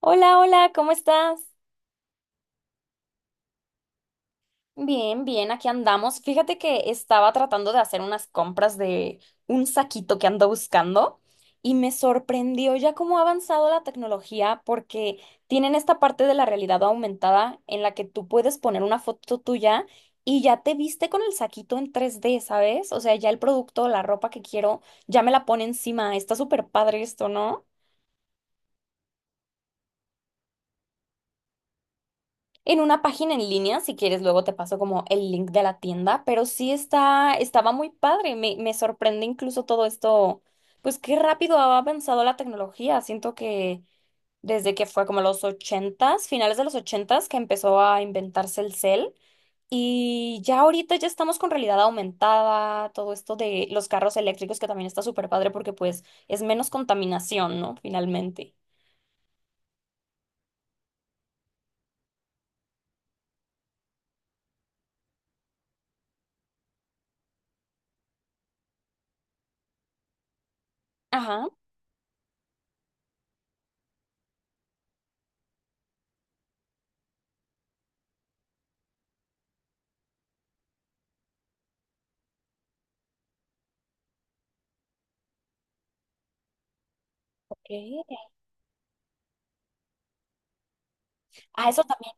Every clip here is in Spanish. Hola, hola, ¿cómo estás? Bien, bien, aquí andamos. Fíjate que estaba tratando de hacer unas compras de un saquito que ando buscando y me sorprendió ya cómo ha avanzado la tecnología porque tienen esta parte de la realidad aumentada en la que tú puedes poner una foto tuya y ya te viste con el saquito en 3D, ¿sabes? O sea, ya el producto, la ropa que quiero, ya me la pone encima. Está súper padre esto, ¿no? En una página en línea, si quieres, luego te paso como el link de la tienda, pero sí está, estaba muy padre, me sorprende incluso todo esto, pues qué rápido ha avanzado la tecnología, siento que desde que fue como los ochentas, finales de los ochentas, que empezó a inventarse el cel, y ya ahorita ya estamos con realidad aumentada, todo esto de los carros eléctricos que también está súper padre porque pues es menos contaminación, ¿no? Finalmente. Ajá. Ok. Ah, eso también.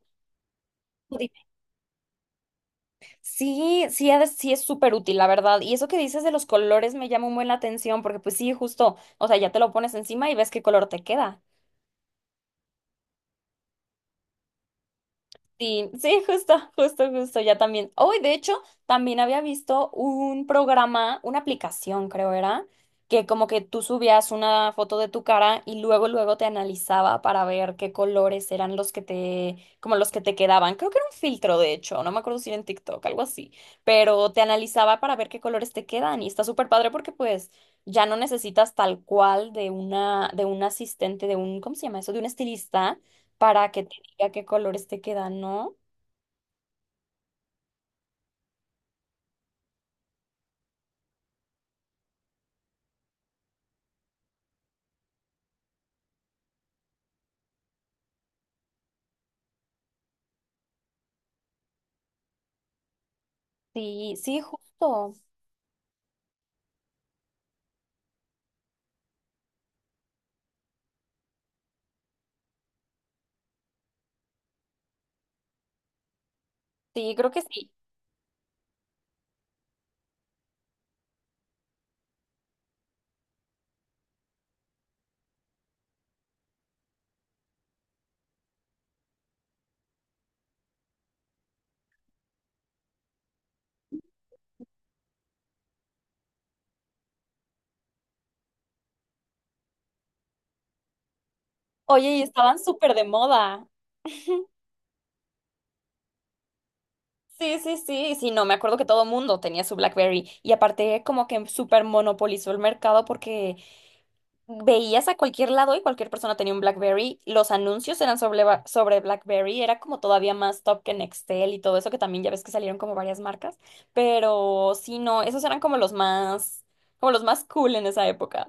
Sí, sí, sí es súper útil, la verdad. Y eso que dices de los colores me llama muy la atención porque pues sí, justo, o sea, ya te lo pones encima y ves qué color te queda. Sí, sí, justo, justo, justo, ya también. Hoy, de hecho, también había visto un programa, una aplicación, creo era, que como que tú subías una foto de tu cara y luego te analizaba para ver qué colores eran los que te, como los que te quedaban. Creo que era un filtro, de hecho, no me acuerdo si era en TikTok, algo así, pero te analizaba para ver qué colores te quedan y está súper padre porque pues ya no necesitas tal cual de un asistente, de un, ¿cómo se llama eso? De un estilista para que te a qué colores te quedan, ¿no? Sí, sí, justo. Sí, creo que sí. Oye, y estaban súper de moda. Sí, sí, sí, sí, no, me acuerdo que todo mundo tenía su BlackBerry y aparte como que súper monopolizó el mercado porque veías a cualquier lado y cualquier persona tenía un BlackBerry, los anuncios eran sobre BlackBerry, era como todavía más top que Nextel y todo eso que también ya ves que salieron como varias marcas, pero sí, no, esos eran como los más cool en esa época.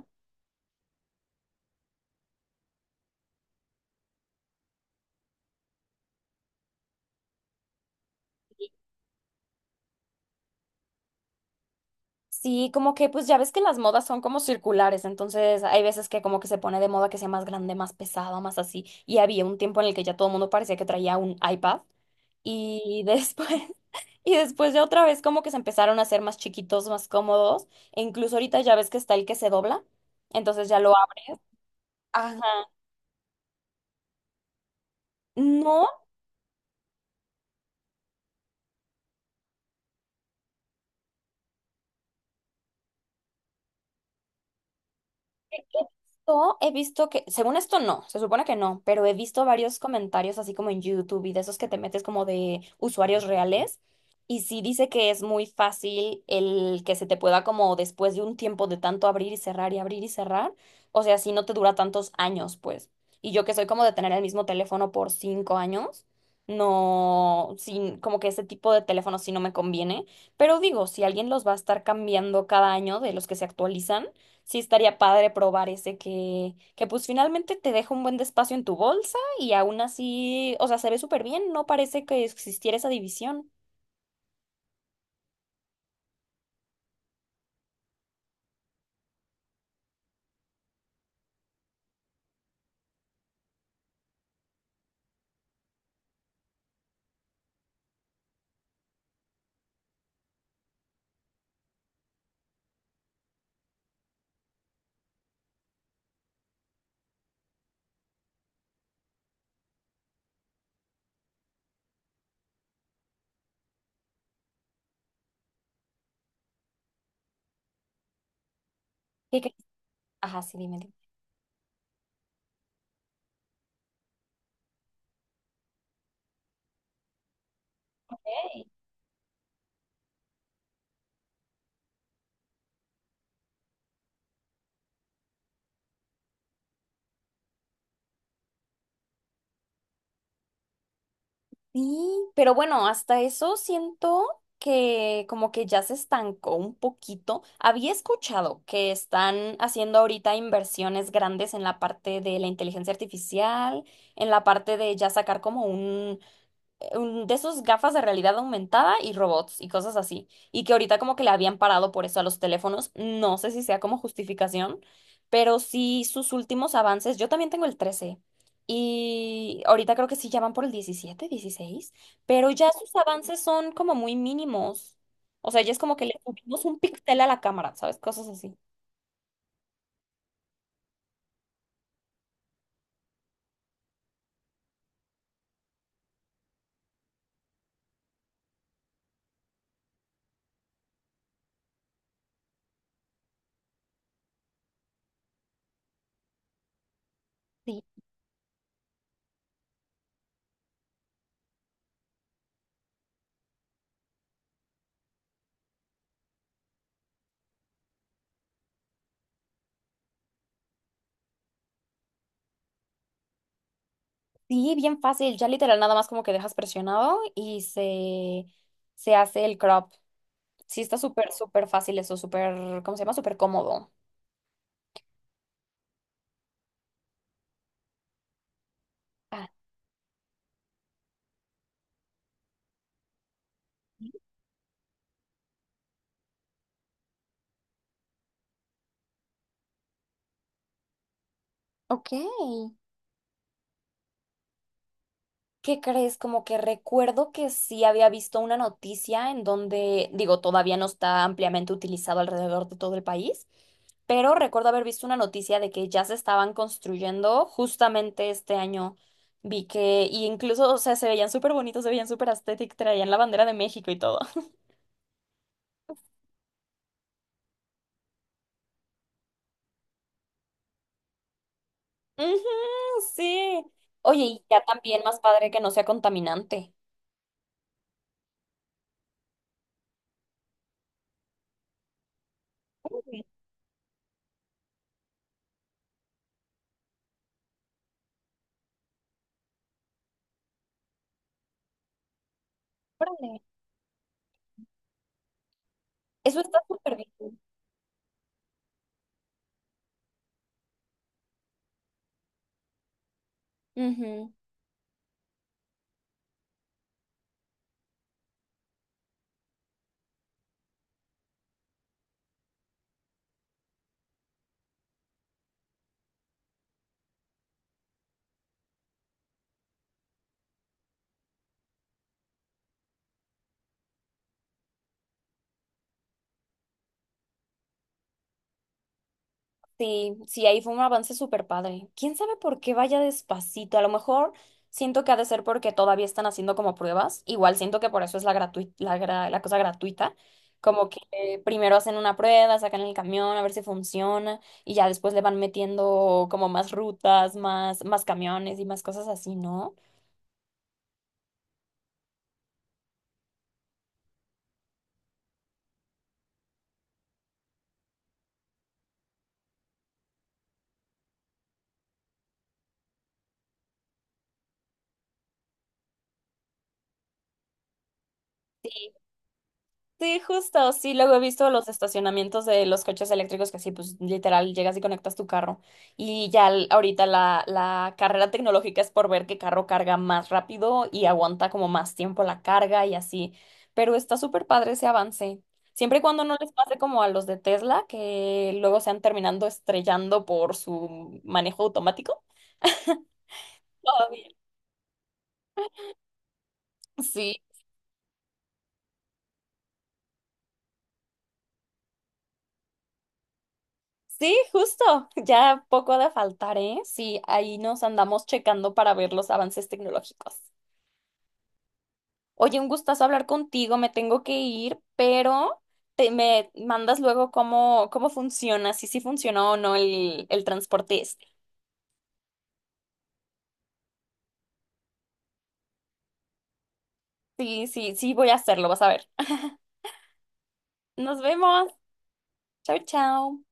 Sí, como que pues ya ves que las modas son como circulares, entonces hay veces que como que se pone de moda que sea más grande, más pesado, más así. Y había un tiempo en el que ya todo el mundo parecía que traía un iPad y después y después ya otra vez como que se empezaron a hacer más chiquitos, más cómodos, e incluso ahorita ya ves que está el que se dobla, entonces ya lo abres. Ajá. No, He visto, he visto que, según esto no, se supone que no, pero he visto varios comentarios así como en YouTube y de esos que te metes como de usuarios reales. Y sí dice que es muy fácil el que se te pueda como después de un tiempo de tanto abrir y cerrar y abrir y cerrar. O sea, si no te dura tantos años, pues. Y yo que soy como de tener el mismo teléfono por 5 años, no, sin, como que ese tipo de teléfono sí no me conviene. Pero digo, si alguien los va a estar cambiando cada año de los que se actualizan. Sí, estaría padre probar ese que pues finalmente te deja un buen despacio en tu bolsa y aún así, o sea, se ve súper bien, no parece que existiera esa división. ¿Qué crees? Ajá, sí, dime. Dime. Ok. Sí, pero bueno, hasta eso siento que como que ya se estancó un poquito. Había escuchado que están haciendo ahorita inversiones grandes en la parte de la inteligencia artificial, en la parte de ya sacar como un de esos gafas de realidad aumentada y robots y cosas así. Y que ahorita como que le habían parado por eso a los teléfonos. No sé si sea como justificación, pero sí sus últimos avances. Yo también tengo el 13 y ahorita creo que sí ya van por el 17 16 pero ya sus avances son como muy mínimos. O sea, ya es como que le subimos un píxel a la cámara, ¿sabes? Cosas así. Sí, sí, bien fácil. Ya literal nada más como que dejas presionado y se hace el crop. Sí, está súper, súper fácil eso, súper, ¿cómo se llama? Súper cómodo. Ah, ok. ¿Qué crees? Como que recuerdo que sí había visto una noticia en donde, digo, todavía no está ampliamente utilizado alrededor de todo el país, pero recuerdo haber visto una noticia de que ya se estaban construyendo justamente este año. Vi que, y incluso, o sea, se veían súper bonitos, se veían súper aesthetic, traían la bandera de México y todo. Ujú, sí. Oye, y ya también más padre que no sea contaminante. Uy, órale. Eso está súper bien. Ujú. Sí, sí, ahí fue un avance súper padre. ¿Quién sabe por qué vaya despacito? A lo mejor siento que ha de ser porque todavía están haciendo como pruebas. Igual siento que por eso es la gratuita, la cosa gratuita. Como que primero hacen una prueba, sacan el camión a ver si funciona y ya después le van metiendo como más rutas, más camiones y más cosas así, ¿no? Sí, justo, sí, luego he visto los estacionamientos de los coches eléctricos que así, pues literal, llegas y conectas tu carro. Y ya ahorita la carrera tecnológica es por ver qué carro carga más rápido y aguanta como más tiempo la carga y así. Pero está súper padre ese avance. Siempre y cuando no les pase como a los de Tesla, que luego se han terminando estrellando por su manejo automático. Todavía. Sí. Sí, justo, ya poco ha de faltar, ¿eh? Sí, ahí nos andamos checando para ver los avances tecnológicos. Oye, un gustazo hablar contigo, me tengo que ir, pero te me mandas luego cómo funciona, si sí funcionó o no el transporte este. Sí, sí, sí, voy a hacerlo, vas a ver. Nos vemos. Chao, chao.